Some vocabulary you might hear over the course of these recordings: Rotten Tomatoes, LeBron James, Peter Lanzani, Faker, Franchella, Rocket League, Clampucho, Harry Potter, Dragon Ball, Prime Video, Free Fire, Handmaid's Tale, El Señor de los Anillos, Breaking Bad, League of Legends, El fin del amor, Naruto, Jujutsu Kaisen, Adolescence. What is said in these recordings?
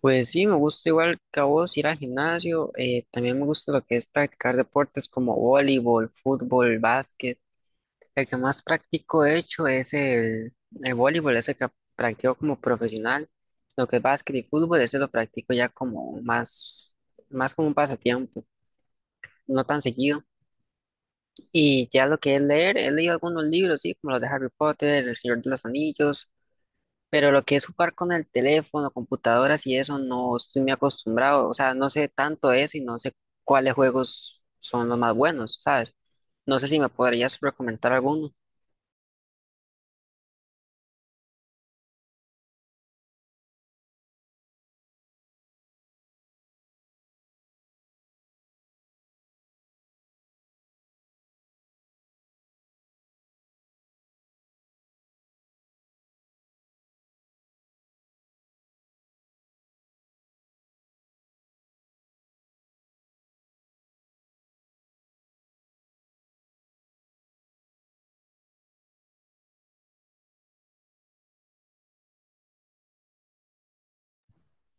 Pues sí, me gusta igual que a vos ir al gimnasio. También me gusta lo que es practicar deportes como voleibol, fútbol, básquet. El que más practico, de hecho, es el voleibol, ese que practico como profesional. Lo que es básquet y fútbol, ese lo practico ya como más como un pasatiempo, no tan seguido. Y ya lo que es leer, he leído algunos libros, sí, como los de Harry Potter, El Señor de los Anillos. Pero lo que es jugar con el teléfono, computadoras y eso, no estoy muy acostumbrado. O sea, no sé tanto de eso y no sé cuáles juegos son los más buenos, ¿sabes? No sé si me podrías recomendar alguno.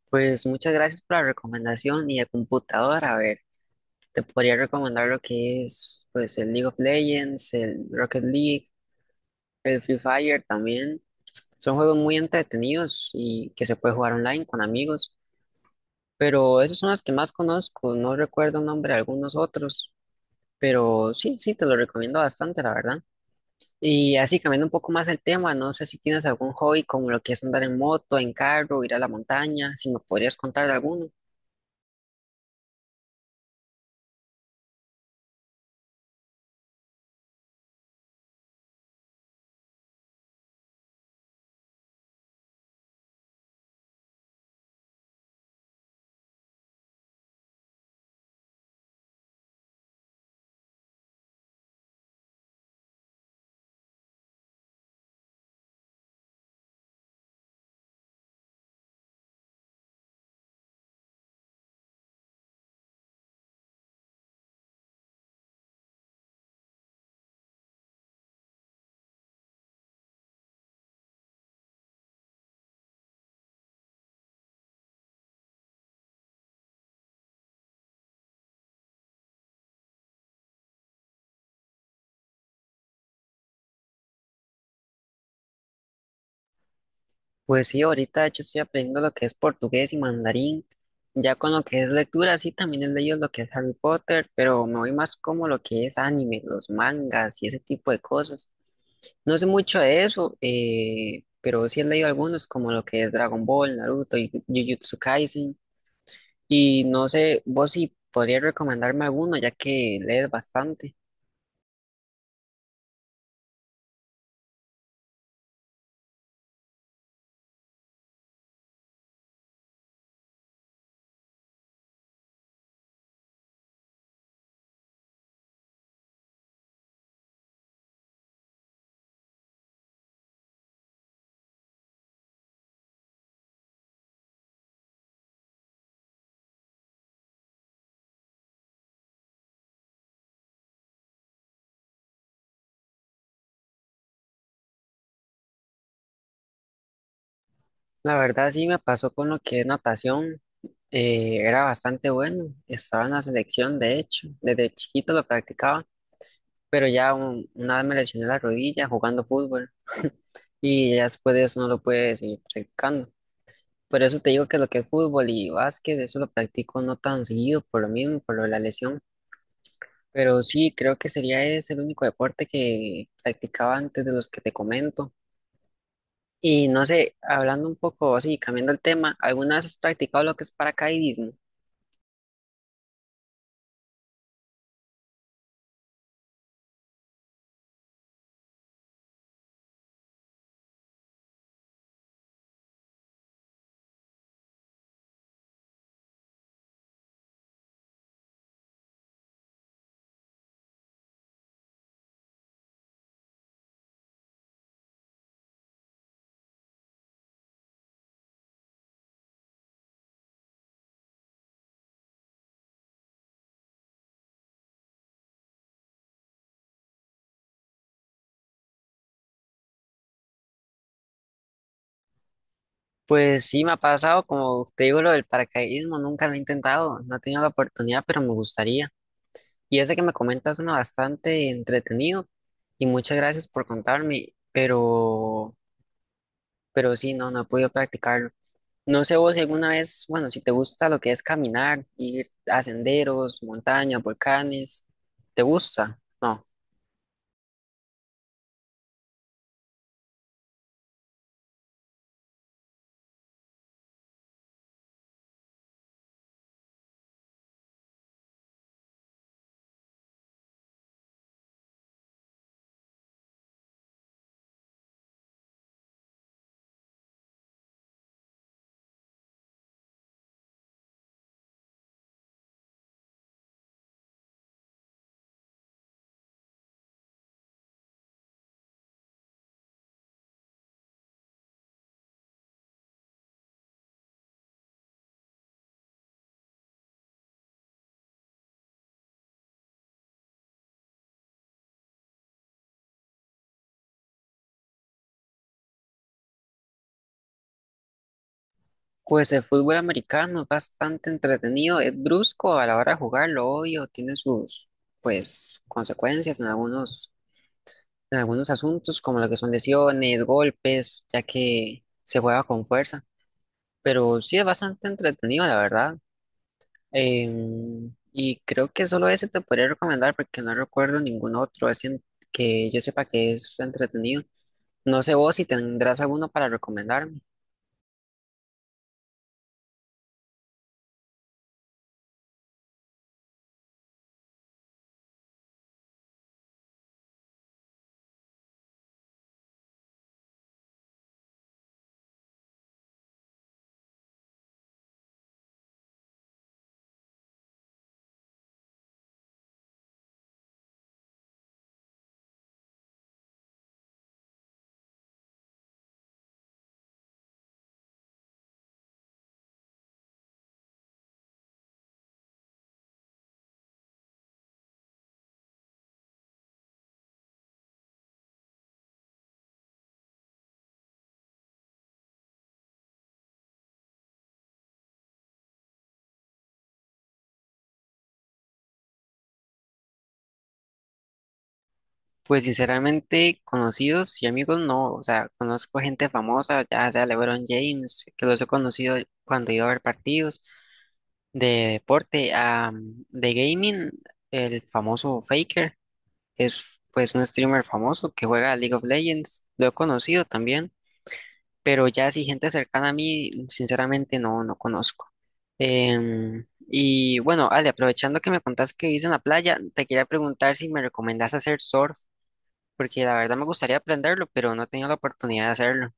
Pues muchas gracias por la recomendación y de computadora. A ver, te podría recomendar lo que es, pues, el League of Legends, el Rocket League, el Free Fire también. Son juegos muy entretenidos y que se puede jugar online con amigos. Pero esos son los que más conozco. No recuerdo el nombre de algunos otros. Pero sí, te lo recomiendo bastante, la verdad. Y así, cambiando un poco más el tema, no sé si tienes algún hobby como lo que es andar en moto, en carro, ir a la montaña, si me podrías contar de alguno. Pues sí, ahorita de hecho estoy aprendiendo lo que es portugués y mandarín. Ya con lo que es lectura, sí, también he leído lo que es Harry Potter, pero me voy más como lo que es anime, los mangas y ese tipo de cosas. No sé mucho de eso, pero sí he leído algunos como lo que es Dragon Ball, Naruto y Jujutsu Kaisen. Y no sé, vos si podrías recomendarme alguno, ya que lees bastante. La verdad sí me pasó con lo que es natación. Era bastante bueno. Estaba en la selección, de hecho. Desde chiquito lo practicaba, pero ya una vez me lesioné la rodilla jugando fútbol. Y ya después de eso no lo pude seguir practicando. Por eso te digo que lo que es fútbol y básquet, eso lo practico no tan seguido, por lo mismo, por lo de la lesión. Pero sí, creo que sería ese el único deporte que practicaba antes de los que te comento. Y no sé, hablando un poco así, cambiando el tema, ¿alguna vez has practicado lo que es paracaidismo? Pues sí, me ha pasado, como te digo, lo del paracaidismo, nunca lo he intentado, no he tenido la oportunidad, pero me gustaría. Y ese que me comentas suena bastante entretenido y muchas gracias por contarme, pero sí, no, no he podido practicarlo. No sé vos si alguna vez, bueno, si te gusta lo que es caminar, ir a senderos, montañas, volcanes, ¿te gusta? No. Pues el fútbol americano es bastante entretenido, es brusco a la hora de jugarlo, obvio, tiene sus pues consecuencias en en algunos asuntos, como lo que son lesiones, golpes, ya que se juega con fuerza. Pero sí es bastante entretenido, la verdad. Y creo que solo ese te podría recomendar, porque no recuerdo ningún otro, que yo sepa que es entretenido. No sé vos si tendrás alguno para recomendar. Pues sinceramente, conocidos y amigos no, o sea, conozco gente famosa, ya sea LeBron James, que los he conocido cuando iba a ver partidos de deporte, de gaming, el famoso Faker, es pues un streamer famoso que juega League of Legends, lo he conocido también, pero ya si gente cercana a mí, sinceramente no conozco. Y bueno, Ale, aprovechando que me contás que vivís en la playa, te quería preguntar si me recomendás hacer surf porque la verdad me gustaría aprenderlo, pero no he tenido la oportunidad de hacerlo.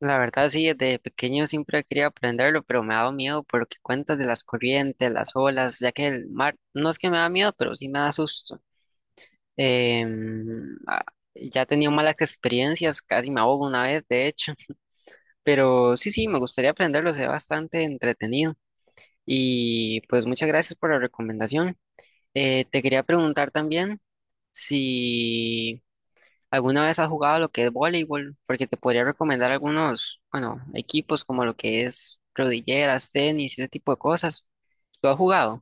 La verdad sí, desde pequeño siempre quería aprenderlo, pero me ha dado miedo por lo que cuentas de las corrientes, las olas, ya que el mar no es que me da miedo, pero sí me da susto. Em, ah, ya he tenido malas experiencias, casi me ahogo una vez, de hecho, pero sí, me gustaría aprenderlo, se ve bastante entretenido. Y pues muchas gracias por la recomendación. Te quería preguntar también si... ¿Alguna vez has jugado lo que es voleibol? Porque te podría recomendar algunos, bueno, equipos como lo que es rodilleras, tenis, ese tipo de cosas. ¿Lo has jugado?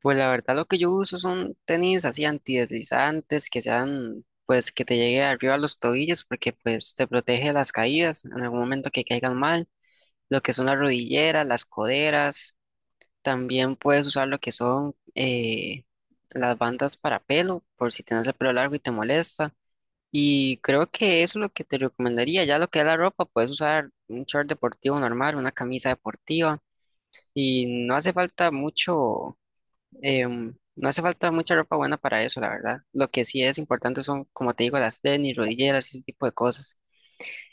Pues la verdad lo que yo uso son tenis así antideslizantes, que sean, pues que te llegue arriba a los tobillos, porque pues te protege de las caídas en algún momento que caigan mal. Lo que son las rodilleras, las coderas. También puedes usar lo que son las bandas para pelo, por si tienes el pelo largo y te molesta. Y creo que eso es lo que te recomendaría. Ya lo que es la ropa, puedes usar un short deportivo normal, una camisa deportiva. Y no hace falta mucho, no hace falta mucha ropa buena para eso, la verdad. Lo que sí es importante son, como te digo, las tenis, rodilleras, ese tipo de cosas.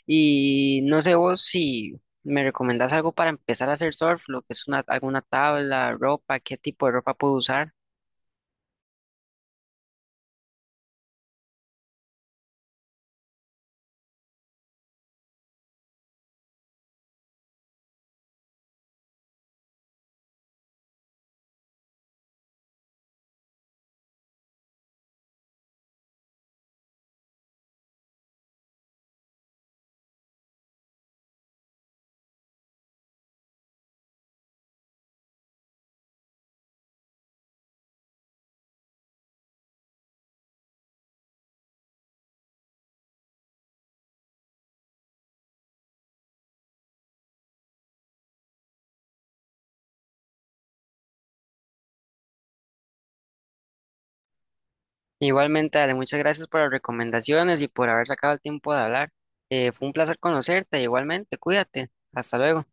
Y no sé vos si me recomendás algo para empezar a hacer surf, lo que es alguna tabla, ropa, qué tipo de ropa puedo usar. Igualmente, Ale, muchas gracias por las recomendaciones y por haber sacado el tiempo de hablar. Fue un placer conocerte, igualmente, cuídate. Hasta luego.